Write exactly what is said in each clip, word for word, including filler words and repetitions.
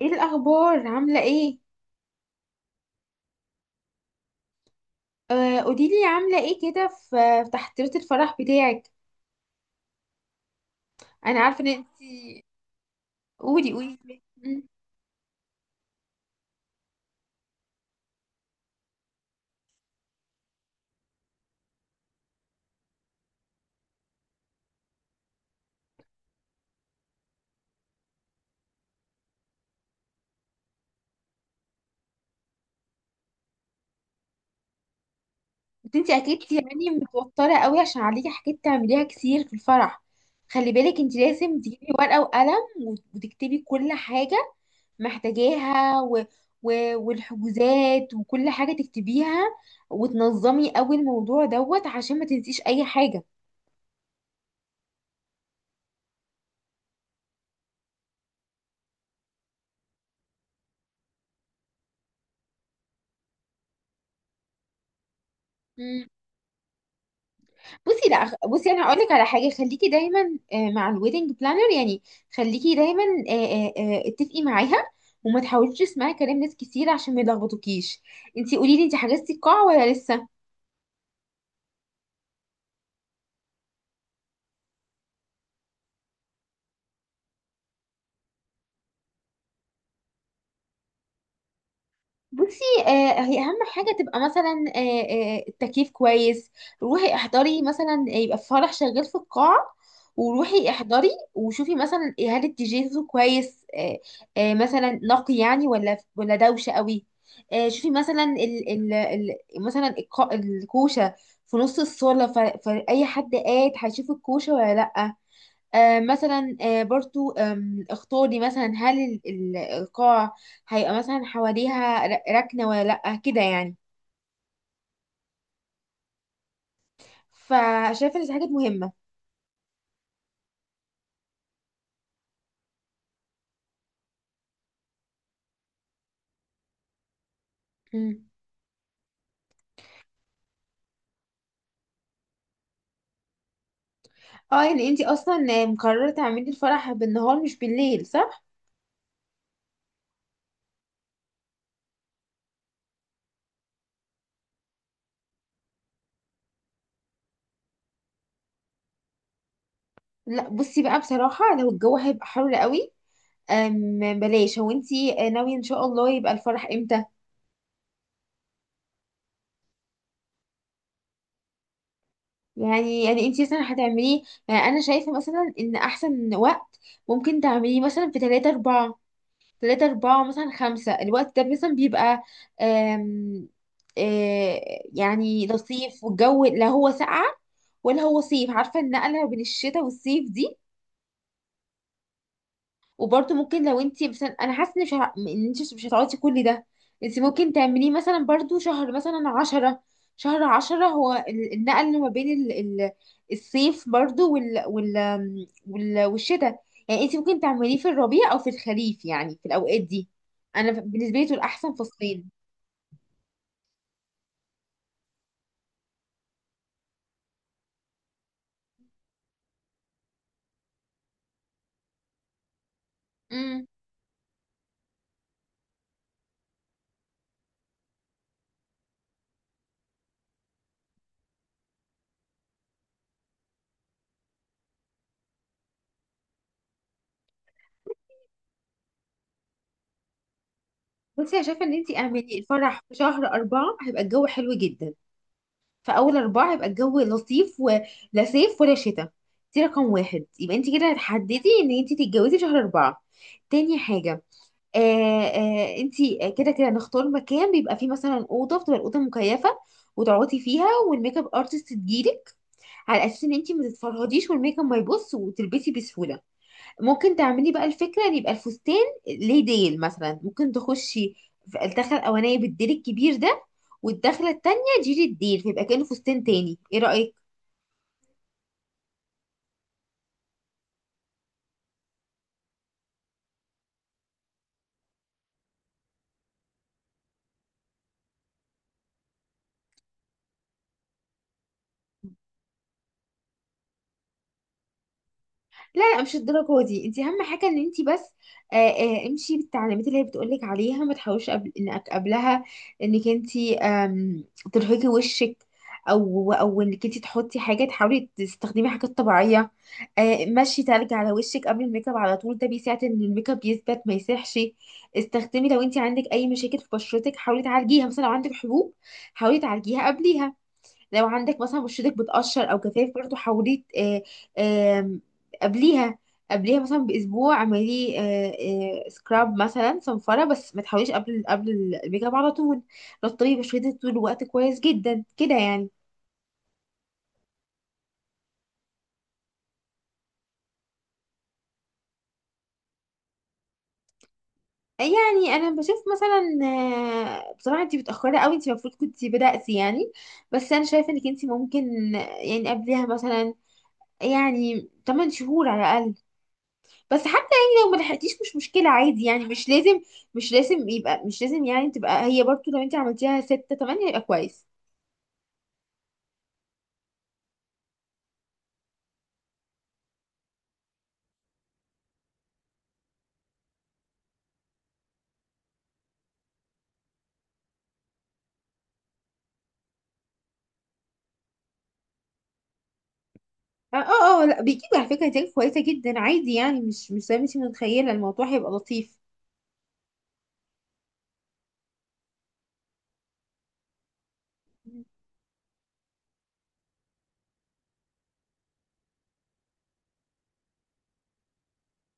ايه الاخبار؟ عامله ايه؟ آه قوليلي عامله ايه كده في في تحضيرات الفرح بتاعك. انا عارفه ان انت قولي قولي مم. بس انت اكيد يعني متوتره قوي عشان عليكي حاجات تعمليها كتير في الفرح. خلي بالك انت لازم تجيبي ورقه وقلم وت- وتكتبي كل حاجه محتاجاها و... و... والحجوزات وكل حاجه تكتبيها وتنظمي قوي الموضوع دوت عشان ما تنسيش اي حاجه. بصي لا خ- بصي انا هقول لك على حاجه، خليكي دايما، آه، مع الويدنج بلانر يعني. خليكي دايما، آه، آه، آه، اتفقي معاها وما تحاوليش تسمعي كلام ناس كتير عشان ما يلخبطوكيش. انتي قولي لي، انتي حجزتي القاعه ولا لسه؟ بصي، آه، هي اهم حاجه تبقى مثلا، آه آه التكييف كويس. روحي احضري مثلا، يبقى في فرح شغال في القاعه وروحي احضري وشوفي مثلا، إيه، هل الدي جي صوته كويس؟ آه آه مثلا نقي يعني ولا ولا دوشه قوي. آه شوفي مثلا ال ال ال مثلا الق- الكوشه في نص الصاله، ف- فاي حد قاعد هيشوف الكوشه ولا لا. آه، مثلا آه، برضو، آم، اختاري مثلا هل ال- ال- القاع هيبقى مثلا حواليها ر- ركنة ولا لأ كده يعني. فشايفة ان دي حاجات مهمة. مم. اه يعني انتي اصلا آه، مقررة تعملي الفرح بالنهار مش بالليل، صح؟ لا بصي بقى، بصراحة لو الجو هيبقى حر قوي، آم، بلاش. هو انتي، آه، ناوية ان شاء الله يبقى الفرح امتى؟ يعني يعني انتي مثلا هتعمليه، يعني انا شايفة مثلا ان احسن وقت ممكن تعمليه مثلا في تلاتة أربعة، تلاتة أربعة مثلا خمسة. الوقت ده مثلا بيبقى آم، آه، يعني لطيف، والجو لا هو ساقعة ولا هو صيف. عارفة النقلة بين الشتاء والصيف دي. وبرضه ممكن لو انت مثلا، انا حاسه ان مش ه... ان انت مش هتقعدي كل ده، انت ممكن تعمليه مثلا برضه شهر مثلا عشرة. شهر عشرة هو ال- النقل ما بين ال... ال... الصيف برضه وال... وال... وال... والشتاء. يعني انت ممكن تعمليه في الربيع او في الخريف، يعني في الاوقات دي. انا بالنسبه لي دول احسن فصلين. امم. بصي انا شايفه ان انت اعملي الفرح في شهر أربعة، هيبقى الجو حلو جدا. في اول اربعه يبقى الجو لطيف، ولا صيف ولا شتاء. دي رقم واحد، يبقى انت كده هتحددي ان انت تتجوزي شهر اربعه. تاني حاجه، آه آه انت كده كده نختار مكان بيبقى فيه مثلا اوضه، بتبقى الاوضه مكيفه وتقعدي فيها والميك اب ارتست تجيلك، على اساس ان انت ما تتفرهديش والميك اب ما يبص وتلبسي بسهوله. ممكن تعملي بقى الفكرة ان يبقى الفستان ليه ديل، مثلا ممكن تخشي في الدخلة الأولانية بالديل الكبير ده، والدخلة التانية جيري الديل، فيبقى كأنه فستان تاني. ايه رأيك؟ لا لا مش الدرجة دي. انت اهم حاجة ان انت بس، آه آه امشي بالتعليمات اللي هي بتقولك عليها، ما تحاولش قبل انك قبلها انك انت، آم، ترهقي وشك. او او انك انت تحطي حاجة، تحاولي تستخدمي حاجات طبيعية. آه مشي تلج على وشك قبل الميك اب على طول، ده بيساعد ان الميك اب يثبت ما يسيحش. استخدمي، لو انت عندك اي مشاكل في بشرتك حاولي تعالجيها، مثلا لو عندك حبوب حاولي تعالجيها قبليها. لو عندك مثلا بشرتك بتقشر او كتافك برضو حاولي آه، آم، قبليها، قبليها مثلا باسبوع. اعملي آه، آه، سكراب مثلا، صنفره، بس ما تحاوليش قبل قبل الميك اب على طول. رطبي بشرتك طول الوقت كويس جدا كده يعني. يعني انا بشوف مثلا، آه، بصراحه انت متاخره قوي، انت المفروض كنت بداتي يعني. بس انا شايفه انك انت ممكن يعني قبلها مثلا يعني تمانية شهور على الاقل. بس حتى يعني لو ما لحقتيش مش مشكلة، عادي يعني. مش لازم، مش لازم يبقى مش لازم يعني تبقى هي برضو. لو انت عملتيها ستة تمانية يبقى كويس. اه اه آه، لا بيجيب على فكرة نتائج كويسة جدا عادي يعني، مش مش زي ما انت متخيلة. الموضوع هيبقى لطيف.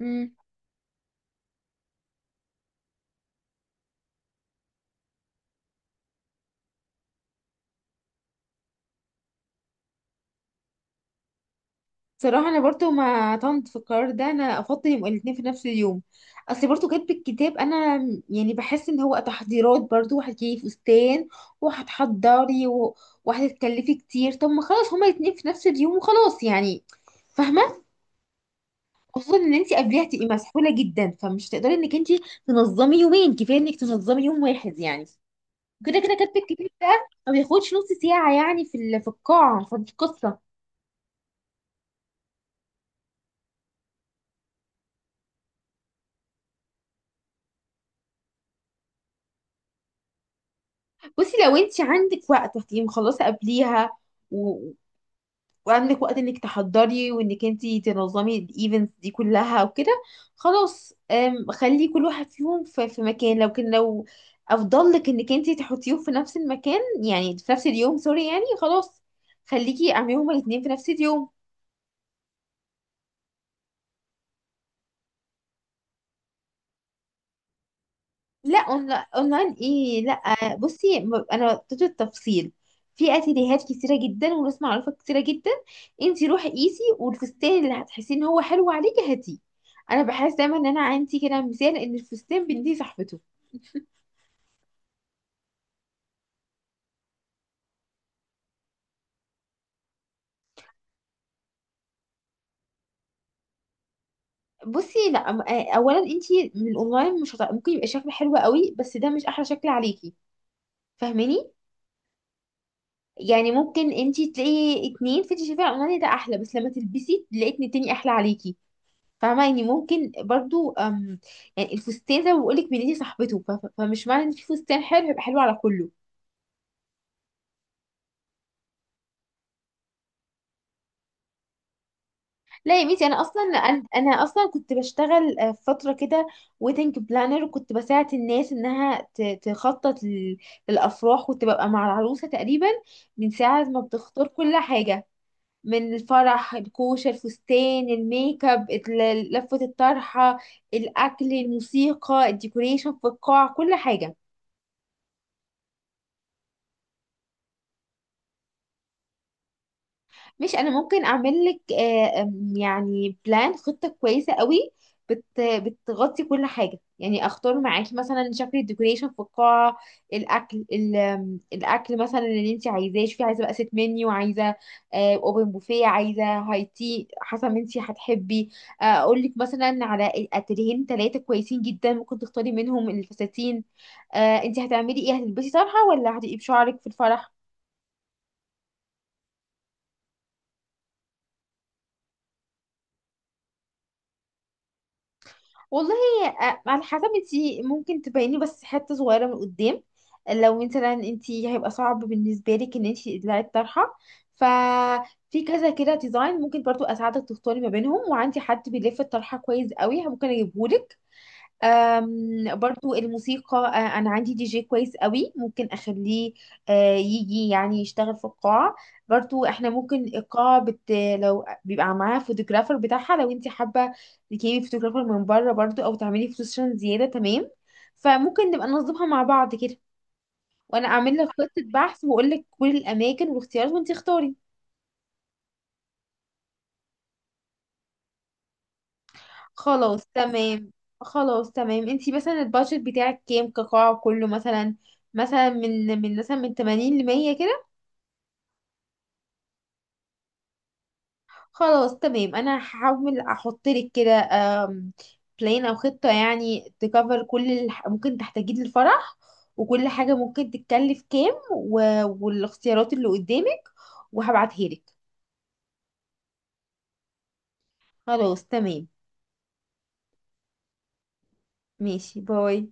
امم. صراحة انا برضو ما طنت في القرار ده، انا افضل يبقى الاتنين في نفس اليوم. اصل برضو كاتب الكتاب، انا يعني بحس ان هو تحضيرات برضو، هتجيبي فستان وهتحضري و- وهتتكلفي كتير. طب ما خلاص، هما الاتنين في نفس اليوم وخلاص يعني. فاهمة؟ خصوصا ان انت قبليها هتبقي مسحوله جدا، فمش هتقدري انك انت تنظمي يومين. كفايه انك تنظمي يوم واحد يعني. كده كده كاتب الكتاب ده ما بياخدش نص ساعه يعني في ال- في القاعه، فدي قصه. بصي لو انت عندك وقت وهتبقي مخلصه قبليها، وعندك وقت انك تحضري وانك انتي تنظمي الايفنتس دي كلها وكده، خلاص، أم، خلي كل واحد فيهم في في مكان. لو كان لو افضل لك انك انتي تحطيهم في نفس المكان، يعني في نفس اليوم، سوري، يعني خلاص، خليكي اعمليهم الاتنين في نفس اليوم. لا أون- اونلاين ايه؟ لا بصي، م- انا اديت التفصيل في اتيليهات كتيره جدا وناس معروفه كتيره جدا. انتي روحي قيسي، والفستان اللي هتحسي ان هو حلو عليكي هاتيه. انا بحس دايما ان انا عندي كده مثال، ان الفستان بنتي صاحبته. بصي لا، م- آه، اولا انتي من الاونلاين مش هت... ممكن يبقى شكل حلو قوي، بس ده مش احلى شكل عليكي. فاهماني؟ يعني ممكن انتي تلاقي اتنين، فانتي شايفاه اونلاين ده احلى، بس لما تلبسي تلاقي اتنين تاني احلى عليكي. فاهمة يعني؟ ممكن برضو، أم، يعني الفستان زي ما بقولك بنتي صاحبته، ف- ف- فمش معنى ان في فستان حلو يبقى حلو على كله. لا يا بنتي، انا اصلا انا أنا اصلا كنت بشتغل آه، فترة كده ويدنج بلانر، وكنت بساعد الناس انها ت- تخطط لل- للافراح. كنت ببقى مع العروسة تقريبا من ساعة ما بتختار كل حاجة، من الفرح، الكوشة، الفستان، الميك اب، ال- لفة الطرحة، الأكل، الموسيقى، الديكوريشن في القاعة، كل حاجة. مش انا ممكن اعمل لك، آه، آم، يعني بلان، خطة كويسة قوي بت بتغطي كل حاجة. يعني اختار معاكي مثلا شكل الديكوريشن في القاعة، الاكل، ال- آم، الاكل مثلا اللي انت عايزاه. شوفي، عايزة بقى ست منيو، عايزة اوبن بوفيه، عايزة هاي تي، حسب ما انت هتحبي. آه، اقول لك مثلا على اتجاهين ثلاثة كويسين جدا، ممكن تختاري منهم الفساتين. آه، انت هتعملي ايه، هتلبسي طرحة ولا هتبقي بشعرك في الفرح؟ والله، آه، على حسب. انتي ممكن تبيني بس حتة صغيرة من قدام. لو مثلا انتي هيبقى صعب بالنسبة لك ان انتي تقلعي الطرحة، ففي كذا كده ديزاين ممكن برضو اساعدك تختاري ما بينهم، وعندي حد بيلف الطرحة كويس قوي ممكن اجيبهولك. أم، برضو الموسيقى، أه، انا عندي دي جي كويس قوي ممكن اخليه أه، يجي يعني يشتغل في القاعة. برضو احنا ممكن القاعة بت... لو بيبقى معاها فوتوغرافر بتاعها، لو انت حابة تجيبي فوتوغرافر من بره برضو، او تعملي فوتوشن زيادة، تمام. فممكن نبقى ننظمها مع بعض كده، وانا اعمل لك خطة بحث واقول لك كل الاماكن والاختيارات، وانت اختاري. خلاص تمام. خلاص تمام. انتي مثلا البادجت بتاعك كام، كقاعة كله مثلا؟ مثلا من من مثلا من تمانين ل ميه كده. خلاص تمام، انا هحاول احط لك كده بلان او خطة، يعني تكفر كل اللي ح- ممكن تحتاجيه للفرح، وكل حاجة ممكن تتكلف كام و- والاختيارات اللي قدامك، وهبعتهالك. خلاص تمام، ماشي. باي.